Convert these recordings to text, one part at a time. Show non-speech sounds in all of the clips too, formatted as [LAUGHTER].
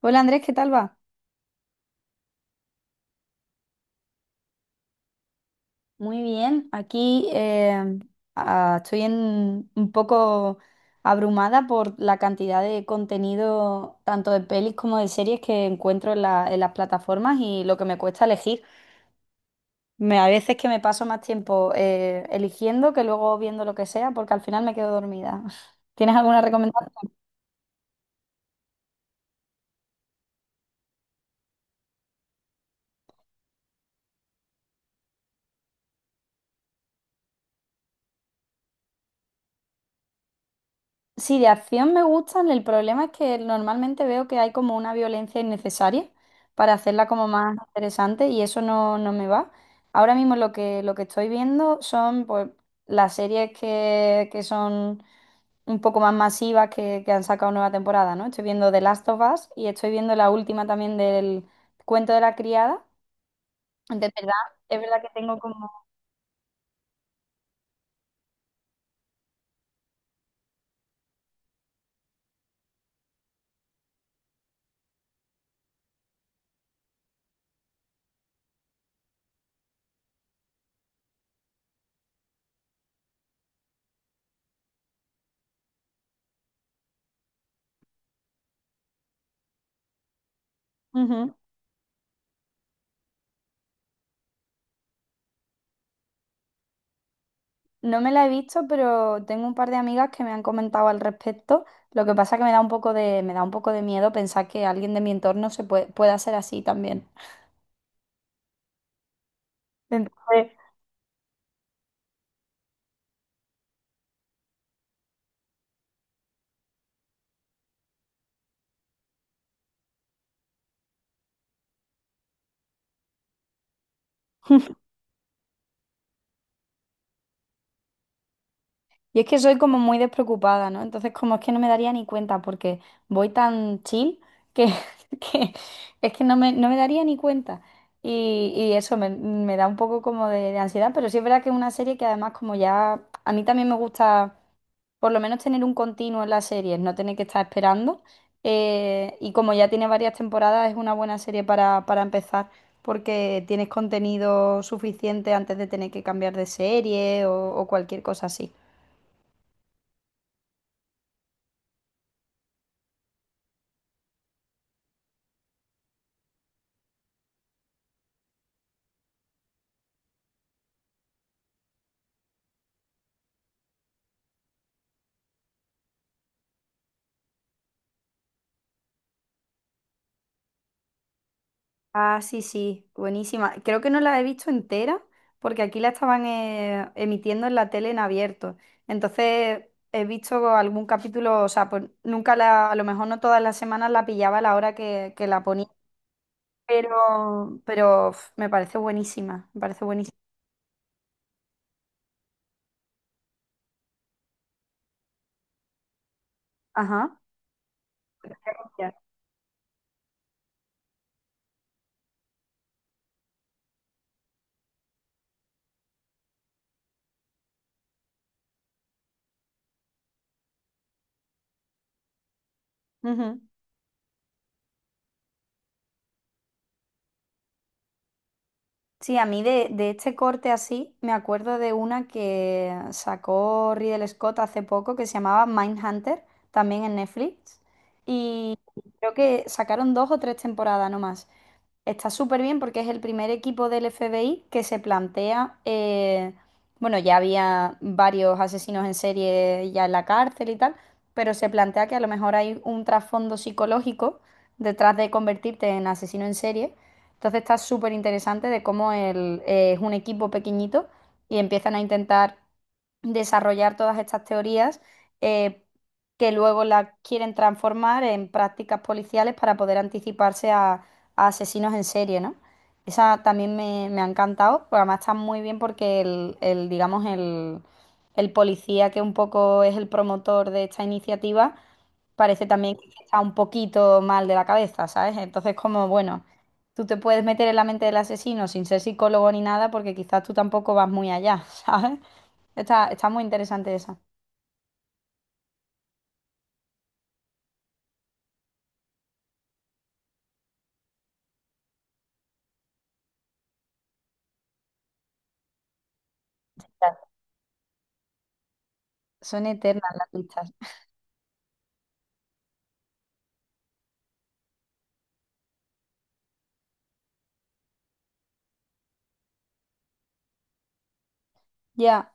Hola Andrés, ¿qué tal va? Muy bien, aquí estoy un poco abrumada por la cantidad de contenido, tanto de pelis como de series que encuentro en las plataformas y lo que me cuesta elegir. A veces que me paso más tiempo eligiendo que luego viendo lo que sea porque al final me quedo dormida. [LAUGHS] ¿Tienes alguna recomendación? Sí, de acción me gustan. El problema es que normalmente veo que hay como una violencia innecesaria para hacerla como más interesante y eso no, no me va. Ahora mismo lo que estoy viendo son pues, las series que son un poco más masivas que han sacado nueva temporada, ¿no? Estoy viendo The Last of Us y estoy viendo la última también del Cuento de la Criada. De verdad, es verdad que tengo como... Ujú. No me la he visto, pero tengo un par de amigas que me han comentado al respecto. Lo que pasa que me da un poco me da un poco de miedo pensar que alguien de mi entorno pueda ser así también. [LAUGHS] Entonces, y es que soy como muy despreocupada, ¿no? Entonces, como es que no me daría ni cuenta porque voy tan chill que, [LAUGHS] que es que no no me daría ni cuenta. Y eso me da un poco como de ansiedad, pero sí es verdad que es una serie que además como ya, a mí también me gusta por lo menos tener un continuo en las series, no tener que estar esperando. Y como ya tiene varias temporadas, es una buena serie para empezar, porque tienes contenido suficiente antes de tener que cambiar de serie o cualquier cosa así. Ah, sí, sí, buenísima. Creo que no la he visto entera, porque aquí la estaban emitiendo en la tele en abierto. Entonces he visto algún capítulo, o sea, pues nunca la, a lo mejor no todas las semanas la pillaba a la hora que la ponía. Pero uf, me parece buenísima, me parece buenísima. Ajá. Gracias. Ujú. Sí, a mí de este corte así, me acuerdo de una que sacó Ridley Scott hace poco que se llamaba Mindhunter, también en Netflix. Y creo que sacaron dos o tres temporadas nomás. Está súper bien porque es el primer equipo del FBI que se plantea, bueno, ya había varios asesinos en serie ya en la cárcel y tal, pero se plantea que a lo mejor hay un trasfondo psicológico detrás de convertirte en asesino en serie. Entonces está súper interesante de cómo es un equipo pequeñito y empiezan a intentar desarrollar todas estas teorías eh, que luego las quieren transformar en prácticas policiales para poder anticiparse a asesinos en serie, ¿no? Esa también me ha encantado, pero además está muy bien porque digamos, el policía que un poco es el promotor de esta iniciativa, parece también que está un poquito mal de la cabeza, ¿sabes? Entonces, como, bueno, tú te puedes meter en la mente del asesino sin ser psicólogo ni nada, porque quizás tú tampoco vas muy allá, [LAUGHS] ¿sabes? Está, está muy interesante esa. Son eternas las listas. Ya,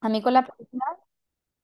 a mí con la...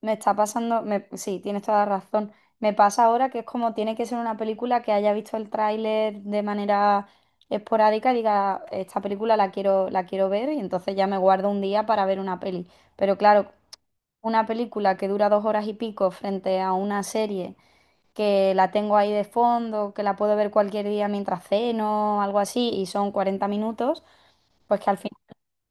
Me está pasando, sí, tienes toda la razón. Me pasa ahora que es como tiene que ser una película que haya visto el tráiler de manera esporádica y diga, esta película la quiero ver y entonces ya me guardo un día para ver una peli. Pero claro, una película que dura dos horas y pico frente a una serie que la tengo ahí de fondo, que la puedo ver cualquier día mientras ceno, algo así, y son 40 minutos, pues que al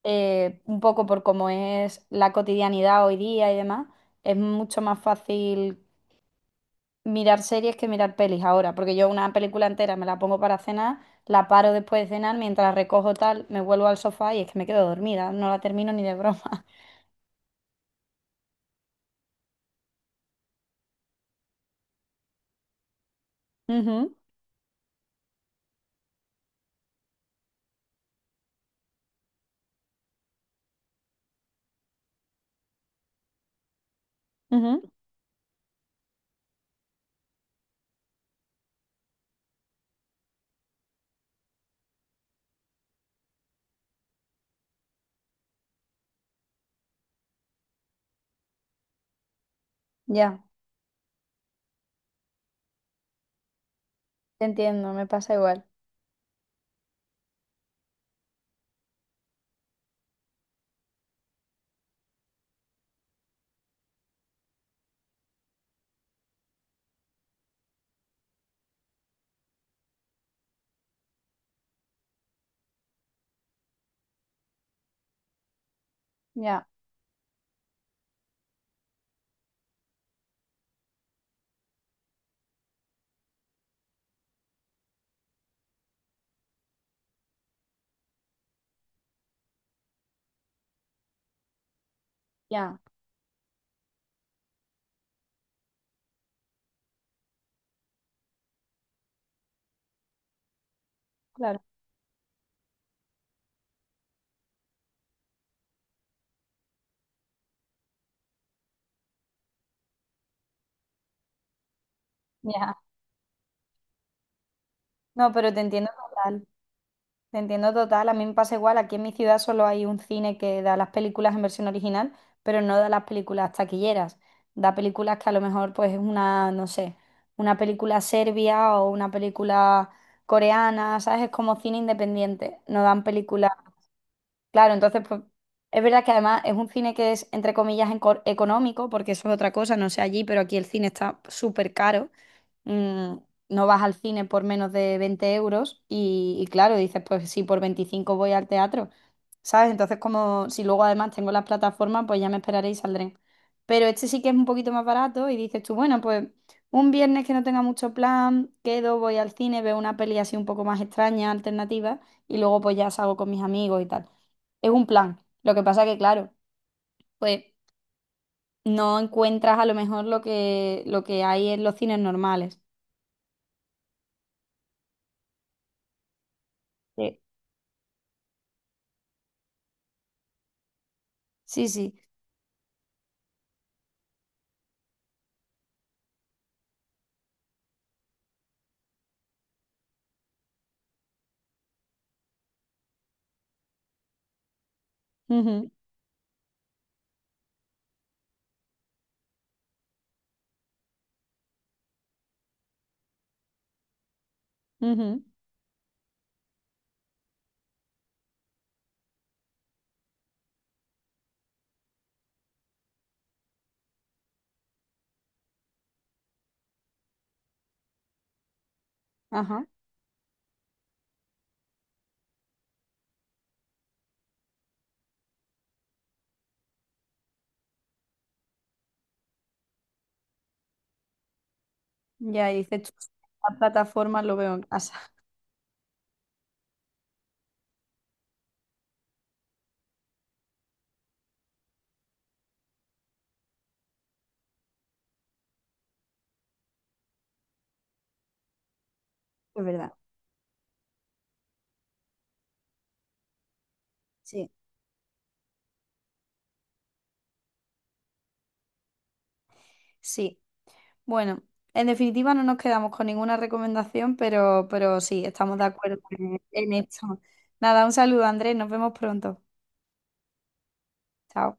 un poco por cómo es la cotidianidad hoy día y demás, es mucho más fácil mirar series que mirar pelis ahora, porque yo una película entera me la pongo para cenar, la paro después de cenar, mientras recojo tal, me vuelvo al sofá y es que me quedo dormida, no la termino ni de broma. [LAUGHS] Ujú, ujú, ya, te entiendo, me pasa igual. Ya, ya, claro, ya. No, pero te entiendo total. Te entiendo total, a mí me pasa igual, aquí en mi ciudad solo hay un cine que da las películas en versión original, pero no da las películas taquilleras, da películas que a lo mejor pues es una, no sé, una película serbia o una película coreana, ¿sabes? Es como cine independiente, no dan películas, claro, entonces pues es verdad que además es un cine que es entre comillas económico, porque eso es otra cosa, no sé allí, pero aquí el cine está súper caro. Mm, no vas al cine por menos de 20 euros y claro, dices, pues sí, por 25 voy al teatro, ¿sabes? Entonces, como si luego además tengo las plataformas, pues ya me esperaré y saldré. Pero este sí que es un poquito más barato y dices tú, bueno, pues un viernes que no tenga mucho plan, quedo, voy al cine, veo una peli así un poco más extraña, alternativa, y luego pues ya salgo con mis amigos y tal. Es un plan. Lo que pasa que, claro, pues no encuentras a lo mejor lo que hay en los cines normales. Sí, sí. Sí. Ujú, ujú, ajá. Ya y dices, "Chus, la plataforma lo veo en casa". [LAUGHS] Es verdad, sí. Sí. Bueno, en definitiva no nos quedamos con ninguna recomendación, pero sí, estamos de acuerdo en esto. Nada, un saludo, Andrés. Nos vemos pronto. Chao.